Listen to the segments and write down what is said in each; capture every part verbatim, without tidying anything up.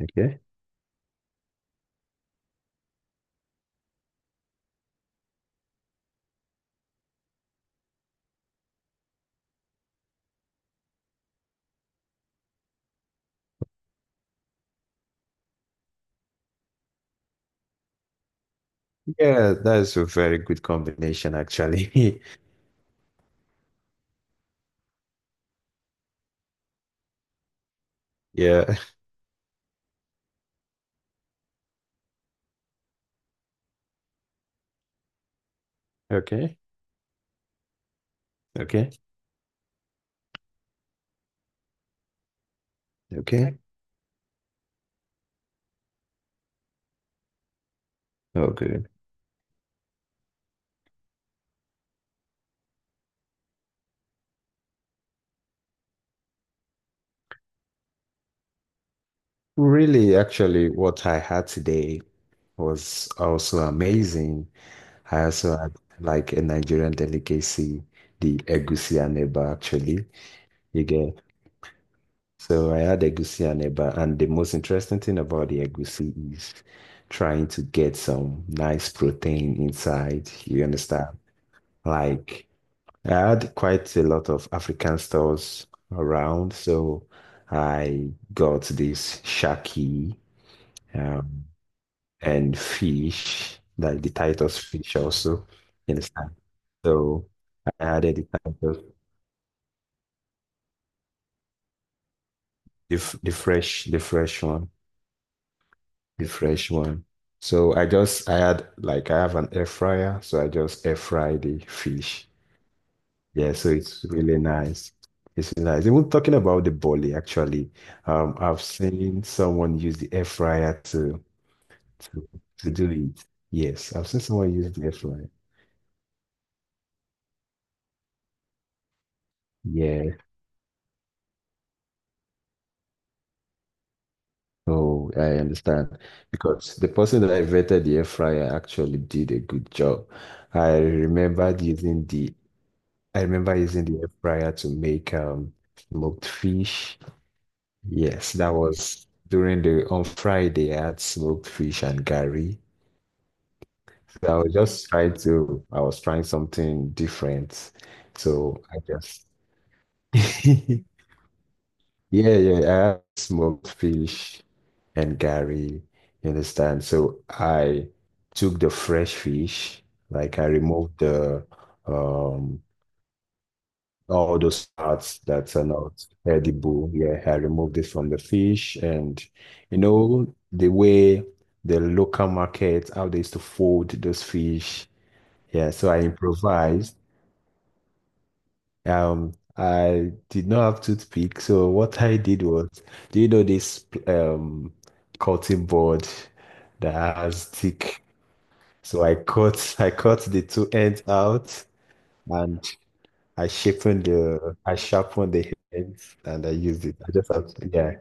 Okay. Yeah, that's a very good combination, actually. Yeah. Okay. Okay. Okay. Okay. Really, actually, what I had today was also amazing. I also had like a Nigerian delicacy, the egusi and eba, actually. You get So I had egusi and eba, and the most interesting thing about the egusi is trying to get some nice protein inside. You understand? Like I had quite a lot of African stores around, so I got this shaki um, and fish, like the Titus fish also, you understand? So I added the Titus, the, f- the fresh, the fresh one, the fresh one. So I just, I had like, I have an air fryer, so I just air fry the fish. Yeah, so it's really nice. It's really nice. Even talking about the boli, actually, um, I've seen someone use the air fryer to to to do it. Yes, I've seen someone use the air fryer. Yeah, so I understand because the person that I vetted the air fryer actually did a good job. I remembered using the I remember using the air fryer to make um smoked fish. Yes, that was during the on Friday I had smoked fish and curry. I was just trying to, I was trying something different. So I just, yeah, yeah, I had smoked fish and Gary, you understand? So I took the fresh fish, like I removed the, um, all those parts that are not edible. Yeah, I removed it from the fish. And, you know, the way the local market, how they used to fold those fish. Yeah, so I improvised. Um, I did not have toothpick, so what I did was, do you know this um cutting board that has thick? So I cut I cut the two ends out and I sharpened the I sharpened the ends and I used it. I just have to, yeah.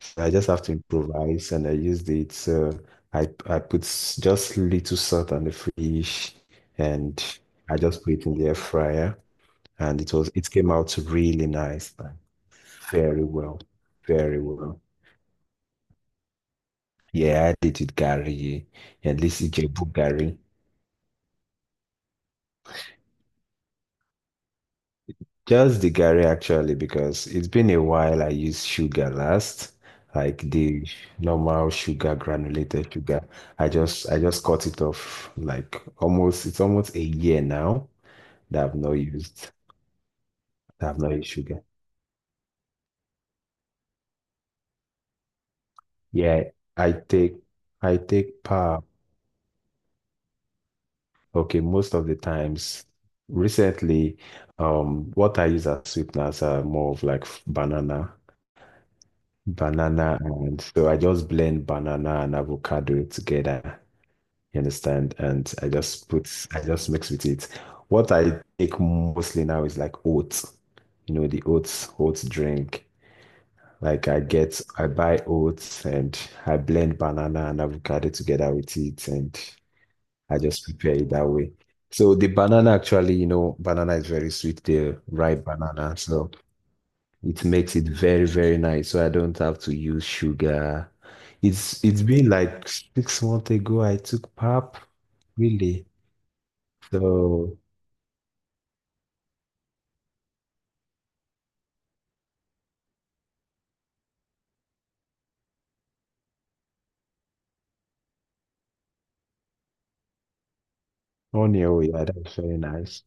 So I just have to improvise and I used it. So I I put s- just little salt on the fish and I just put it in the air fryer and it was it came out really nice. Very well. Very well. Yeah, I did with Gary. At least Ijebu Gary. Just the Gary actually, because it's been a while I used sugar last, like the normal sugar, granulated sugar. I just I just cut it off like almost it's almost a year now that I've not used that I've not used sugar. Yeah, I take I take power. Okay, most of the times recently, um, what I use as sweeteners are more of like f- banana, banana, and so I just blend banana and avocado together. You understand? And I just put, I just mix with it. What I take mostly now is like oats, you know, the oats, oats drink. Like I get, I buy oats and I blend banana and avocado together with it, and I just prepare it that way. So the banana actually, you know, banana is very sweet, the ripe banana. So it makes it very, very nice. So I don't have to use sugar. It's it's been like six months ago I took pap, really. So on your way, yeah, that's very nice.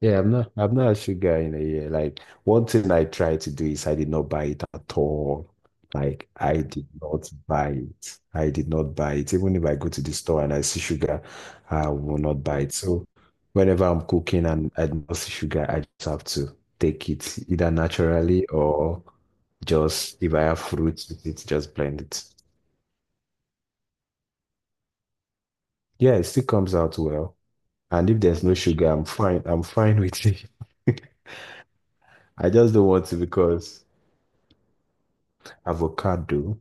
Yeah, I'm not I'm not a sugar in a year. Like one thing I tried to do is I did not buy it at all. Like I did not buy it. I did not buy it. Even if I go to the store and I see sugar, I will not buy it. So whenever I'm cooking and I do not see sugar, I just have to take it either naturally or just if I have fruits with it, just blend it. Yeah, it still comes out well. And if there's no sugar, I'm fine. I'm fine with it. I just don't want to because avocado.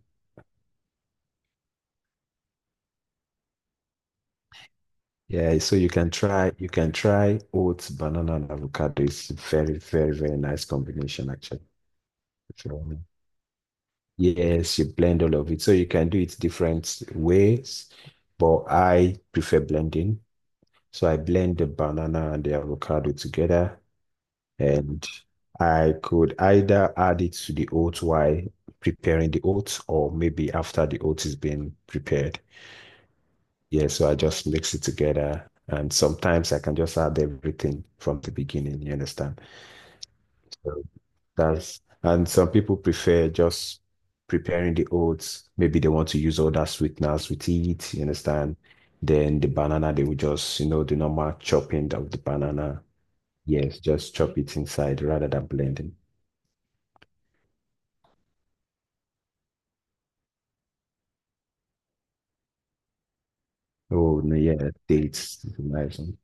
Yeah, so you can try you can try oats, banana, and avocado. It's very, very, very nice combination actually. So, yes, you blend all of it. So you can do it different ways, but I prefer blending. So I blend the banana and the avocado together, and I could either add it to the oats while preparing the oats, or maybe after the oats is being prepared. Yeah, so I just mix it together. And sometimes I can just add everything from the beginning, you understand? So that's, and some people prefer just preparing the oats. Maybe they want to use all that sweeteners with it, you understand? Then the banana, they will just, you know, the normal chopping of the banana. Yes, just chop it inside rather than blending. Oh, no, yeah, dates is a nice one.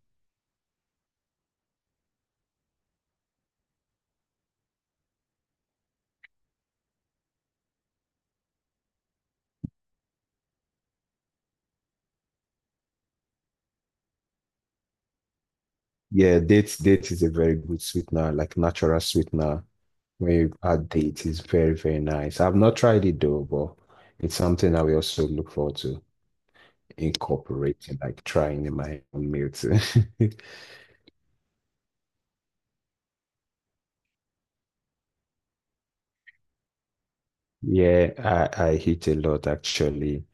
Yeah, dates, dates is a very good sweetener, like natural sweetener. Maybe add date is very, very nice. I've not tried it though, but it's something I will also look forward to incorporating, like trying in my own meal too. Yeah, I, I eat a lot actually.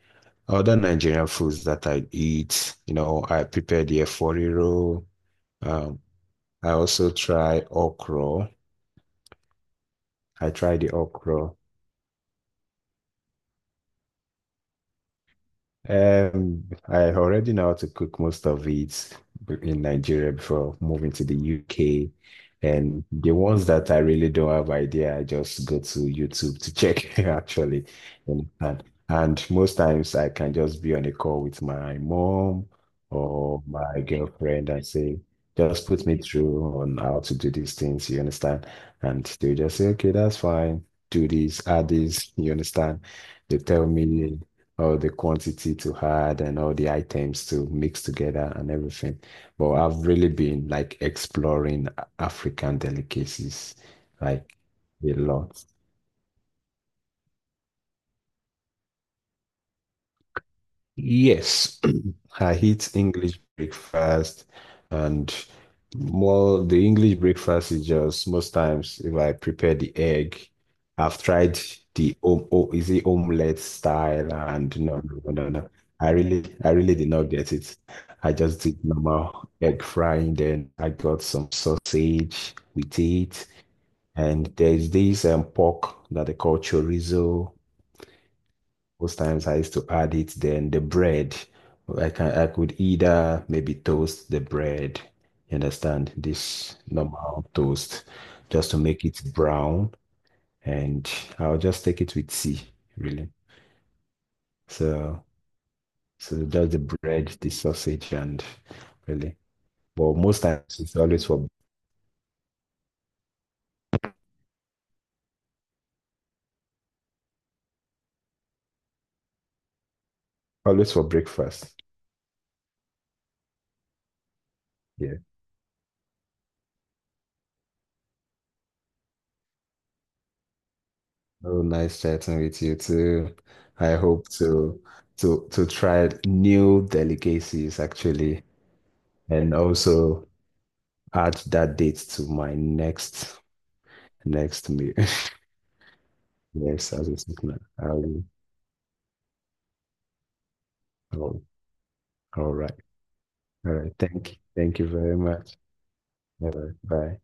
Other Nigerian foods that I eat, you know, I prepare the efori roll. Um, I also try okra. I try the okra. Um, I already know how to cook most of it b- in Nigeria before moving to the U K. And the ones that I really don't have idea, I just go to YouTube to check actually. And, and and most times I can just be on a call with my mom or my girlfriend and say, just put me through on how to do these things, you understand? And they just say, okay, that's fine. Do this, add this, you understand? They tell me all the quantity to add and all the items to mix together and everything. But I've really been like exploring African delicacies like a lot. Yes, I eat English breakfast and more the English breakfast is just most times if I prepare the egg, I've tried the om oh, is it omelette style? And no, no, no, no. No. I really I really did not get it. I just did normal egg frying, then I got some sausage with it. And there's this um, pork that they call chorizo. Most times I used to add it, then the bread. I can I could either maybe toast the bread, you understand, this normal toast, just to make it brown, and I'll just take it with tea, really. So so just the bread, the sausage, and really. But most times it's always for always for breakfast. Yeah. Oh, nice chatting with you too. I hope to to to try new delicacies actually and also add that date to my next next meal. Yes, as a signal. All right. All right. Thank you. Thank you very much. Bye. Bye.